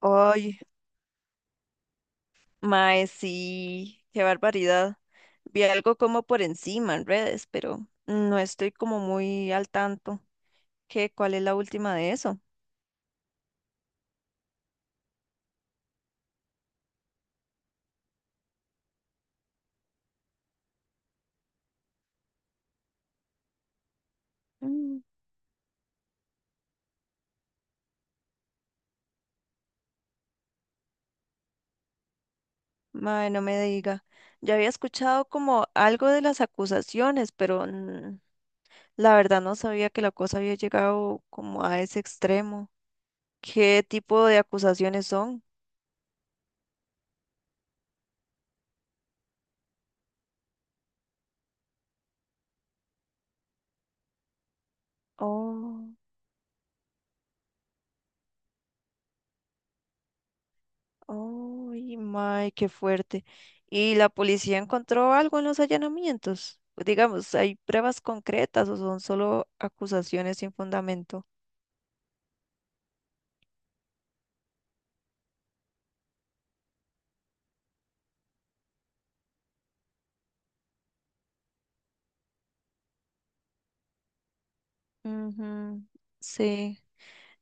Ay, mae, sí, qué barbaridad. Vi algo como por encima en redes, pero no estoy como muy al tanto. ¿Qué? ¿Cuál es la última de eso? Mm, mae, no me diga. Ya había escuchado como algo de las acusaciones, pero la verdad no sabía que la cosa había llegado como a ese extremo. ¿Qué tipo de acusaciones son? Oh. Ay, may, qué fuerte. ¿Y la policía encontró algo en los allanamientos? Digamos, ¿hay pruebas concretas o son solo acusaciones sin fundamento? Ujú, sí,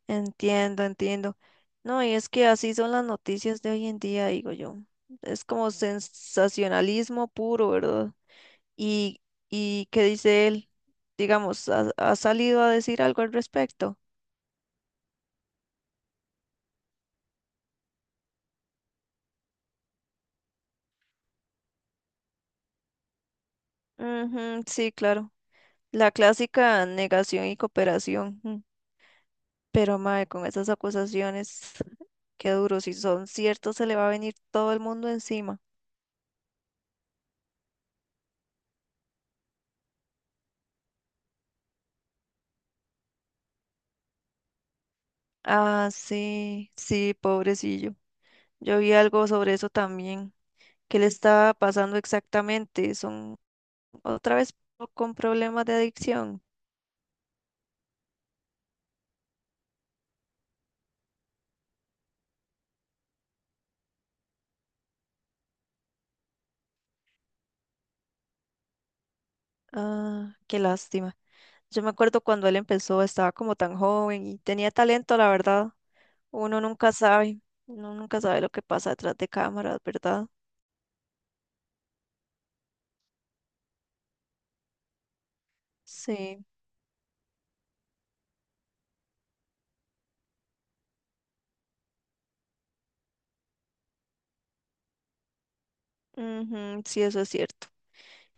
entiendo, No, y es que así son las noticias de hoy en día, digo yo. Es como sensacionalismo puro, ¿verdad? ¿Y, qué dice él? Digamos, ¿ha, salido a decir algo al respecto? Ujú, sí, claro. La clásica negación y cooperación. Pero, mae, con esas acusaciones, qué duro. Si son ciertos, se le va a venir todo el mundo encima. Ah, sí, sí, pobrecillo. Yo vi algo sobre eso también. ¿Qué le estaba pasando exactamente? Son otra vez con problemas de adicción. Ah, qué lástima. Yo me acuerdo cuando él empezó, estaba como tan joven y tenía talento, la verdad. Uno nunca sabe, uno nunca sabe lo que pasa detrás de cámaras, ¿verdad? Sí, ujú, sí, eso es cierto.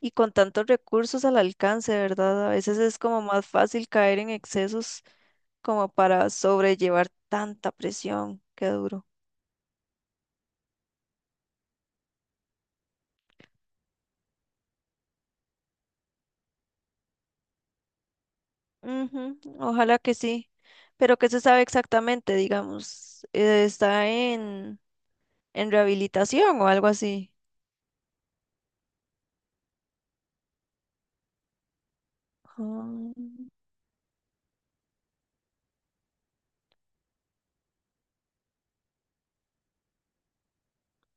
Y con tantos recursos al alcance, ¿verdad? A veces es como más fácil caer en excesos como para sobrellevar tanta presión. Qué duro. Ujú, ojalá que sí. Pero ¿qué se sabe exactamente, digamos? ¿Está en, rehabilitación o algo así? Ah,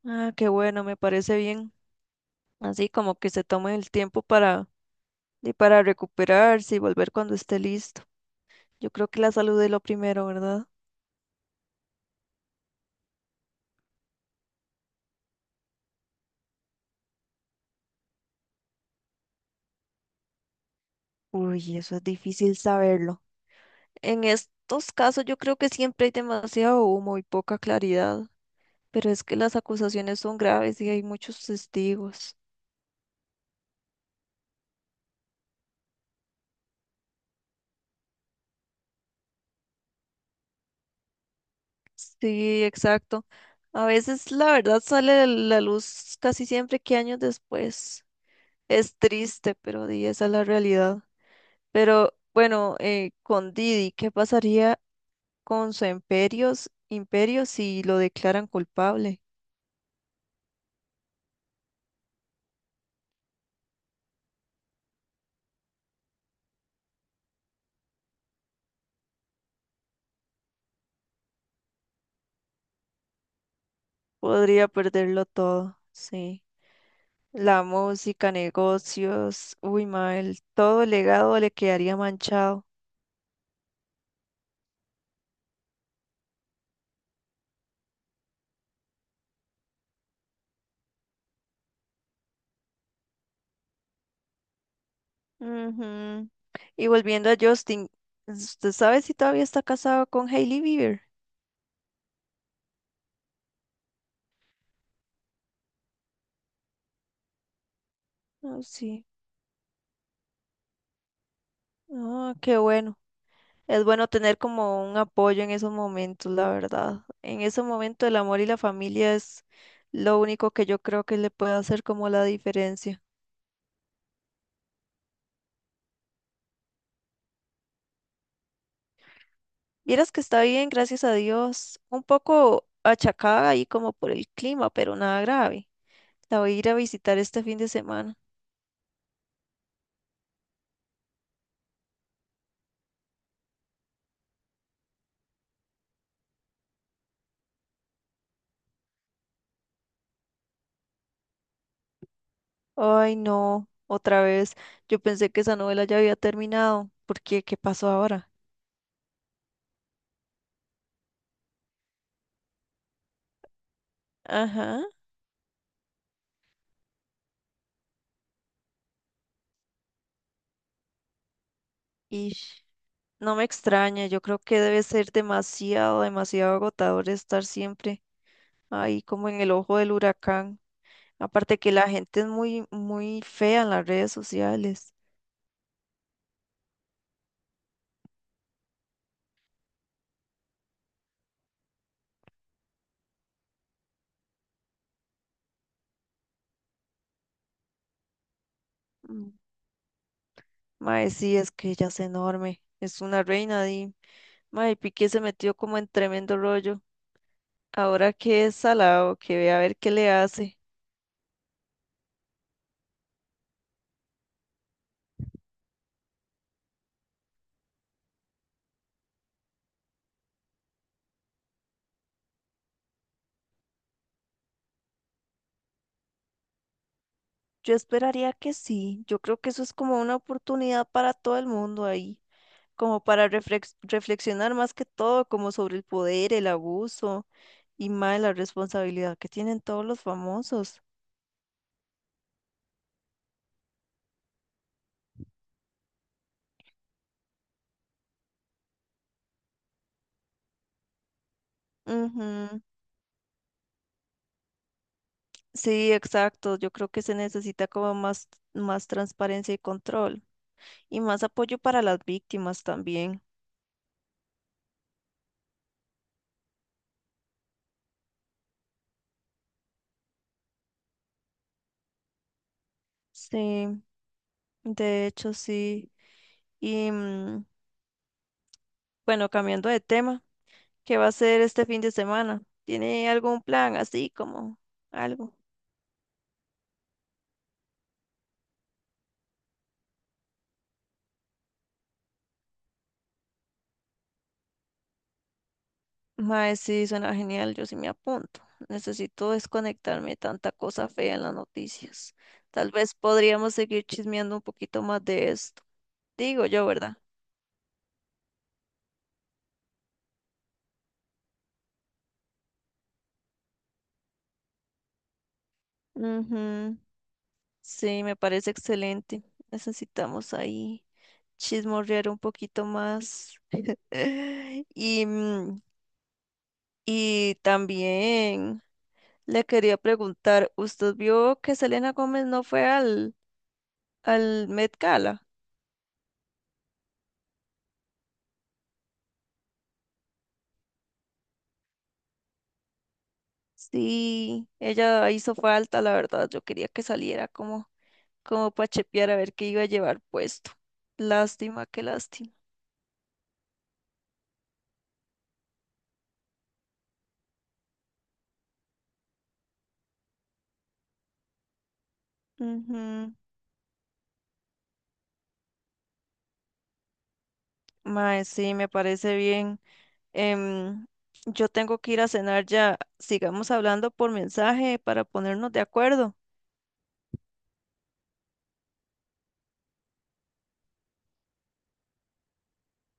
qué bueno, me parece bien. Así como que se tome el tiempo para, para recuperarse y volver cuando esté listo. Yo creo que la salud es lo primero, ¿verdad? Uy, eso es difícil saberlo. En estos casos yo creo que siempre hay demasiado humo y poca claridad, pero es que las acusaciones son graves y hay muchos testigos. Sí, exacto. A veces la verdad sale a la luz casi siempre que años después. Es triste, pero di, esa es la realidad. Pero bueno, con Didi, ¿qué pasaría con su imperio si lo declaran culpable? Podría perderlo todo, sí. La música, negocios, uy, mal, todo legado le quedaría manchado. Ujú. Y volviendo a Justin, ¿usted sabe si todavía está casado con Hailey Bieber? Ah, sí. Ah, qué bueno. Es bueno tener como un apoyo en esos momentos, la verdad. En ese momento el amor y la familia es lo único que yo creo que le puede hacer como la diferencia. Vieras que está bien, gracias a Dios. Un poco achacada ahí como por el clima, pero nada grave. La voy a ir a visitar este fin de semana. Ay, no, otra vez. Yo pensé que esa novela ya había terminado. ¿Por qué? ¿Qué pasó ahora? Ajá. Y no me extraña, yo creo que debe ser demasiado, demasiado agotador estar siempre ahí como en el ojo del huracán. Aparte que la gente es muy, muy fea en las redes sociales. Mm. Mae, sí, es que ella es enorme, es una reina y mae, Piqué se metió como en tremendo rollo. Ahora que es salado, que ve a ver qué le hace. Yo esperaría que sí. Yo creo que eso es como una oportunidad para todo el mundo ahí, como para reflexionar más que todo, como sobre el poder, el abuso y más la responsabilidad que tienen todos los famosos. Ujú. Sí, exacto. Yo creo que se necesita como más, más transparencia y control y más apoyo para las víctimas también. Sí, de hecho sí. Y bueno, cambiando de tema. ¿Qué va a hacer este fin de semana? ¿Tiene algún plan así como algo? Mae, sí, suena genial, yo sí me apunto. Necesito desconectarme de tanta cosa fea en las noticias. Tal vez podríamos seguir chismeando un poquito más de esto. Digo yo, ¿verdad? Ujú, sí, me parece excelente. Necesitamos ahí chismorrear un poquito más. Y, y también le quería preguntar, ¿usted vio que Selena Gómez no fue al, Met Gala? Sí, ella hizo falta, la verdad. Yo quería que saliera como, como para chepear a ver qué iba a llevar puesto. Lástima, qué lástima. Ujú. Mae, sí, me parece bien. Em, yo tengo que ir a cenar ya. Sigamos hablando por mensaje para ponernos de acuerdo.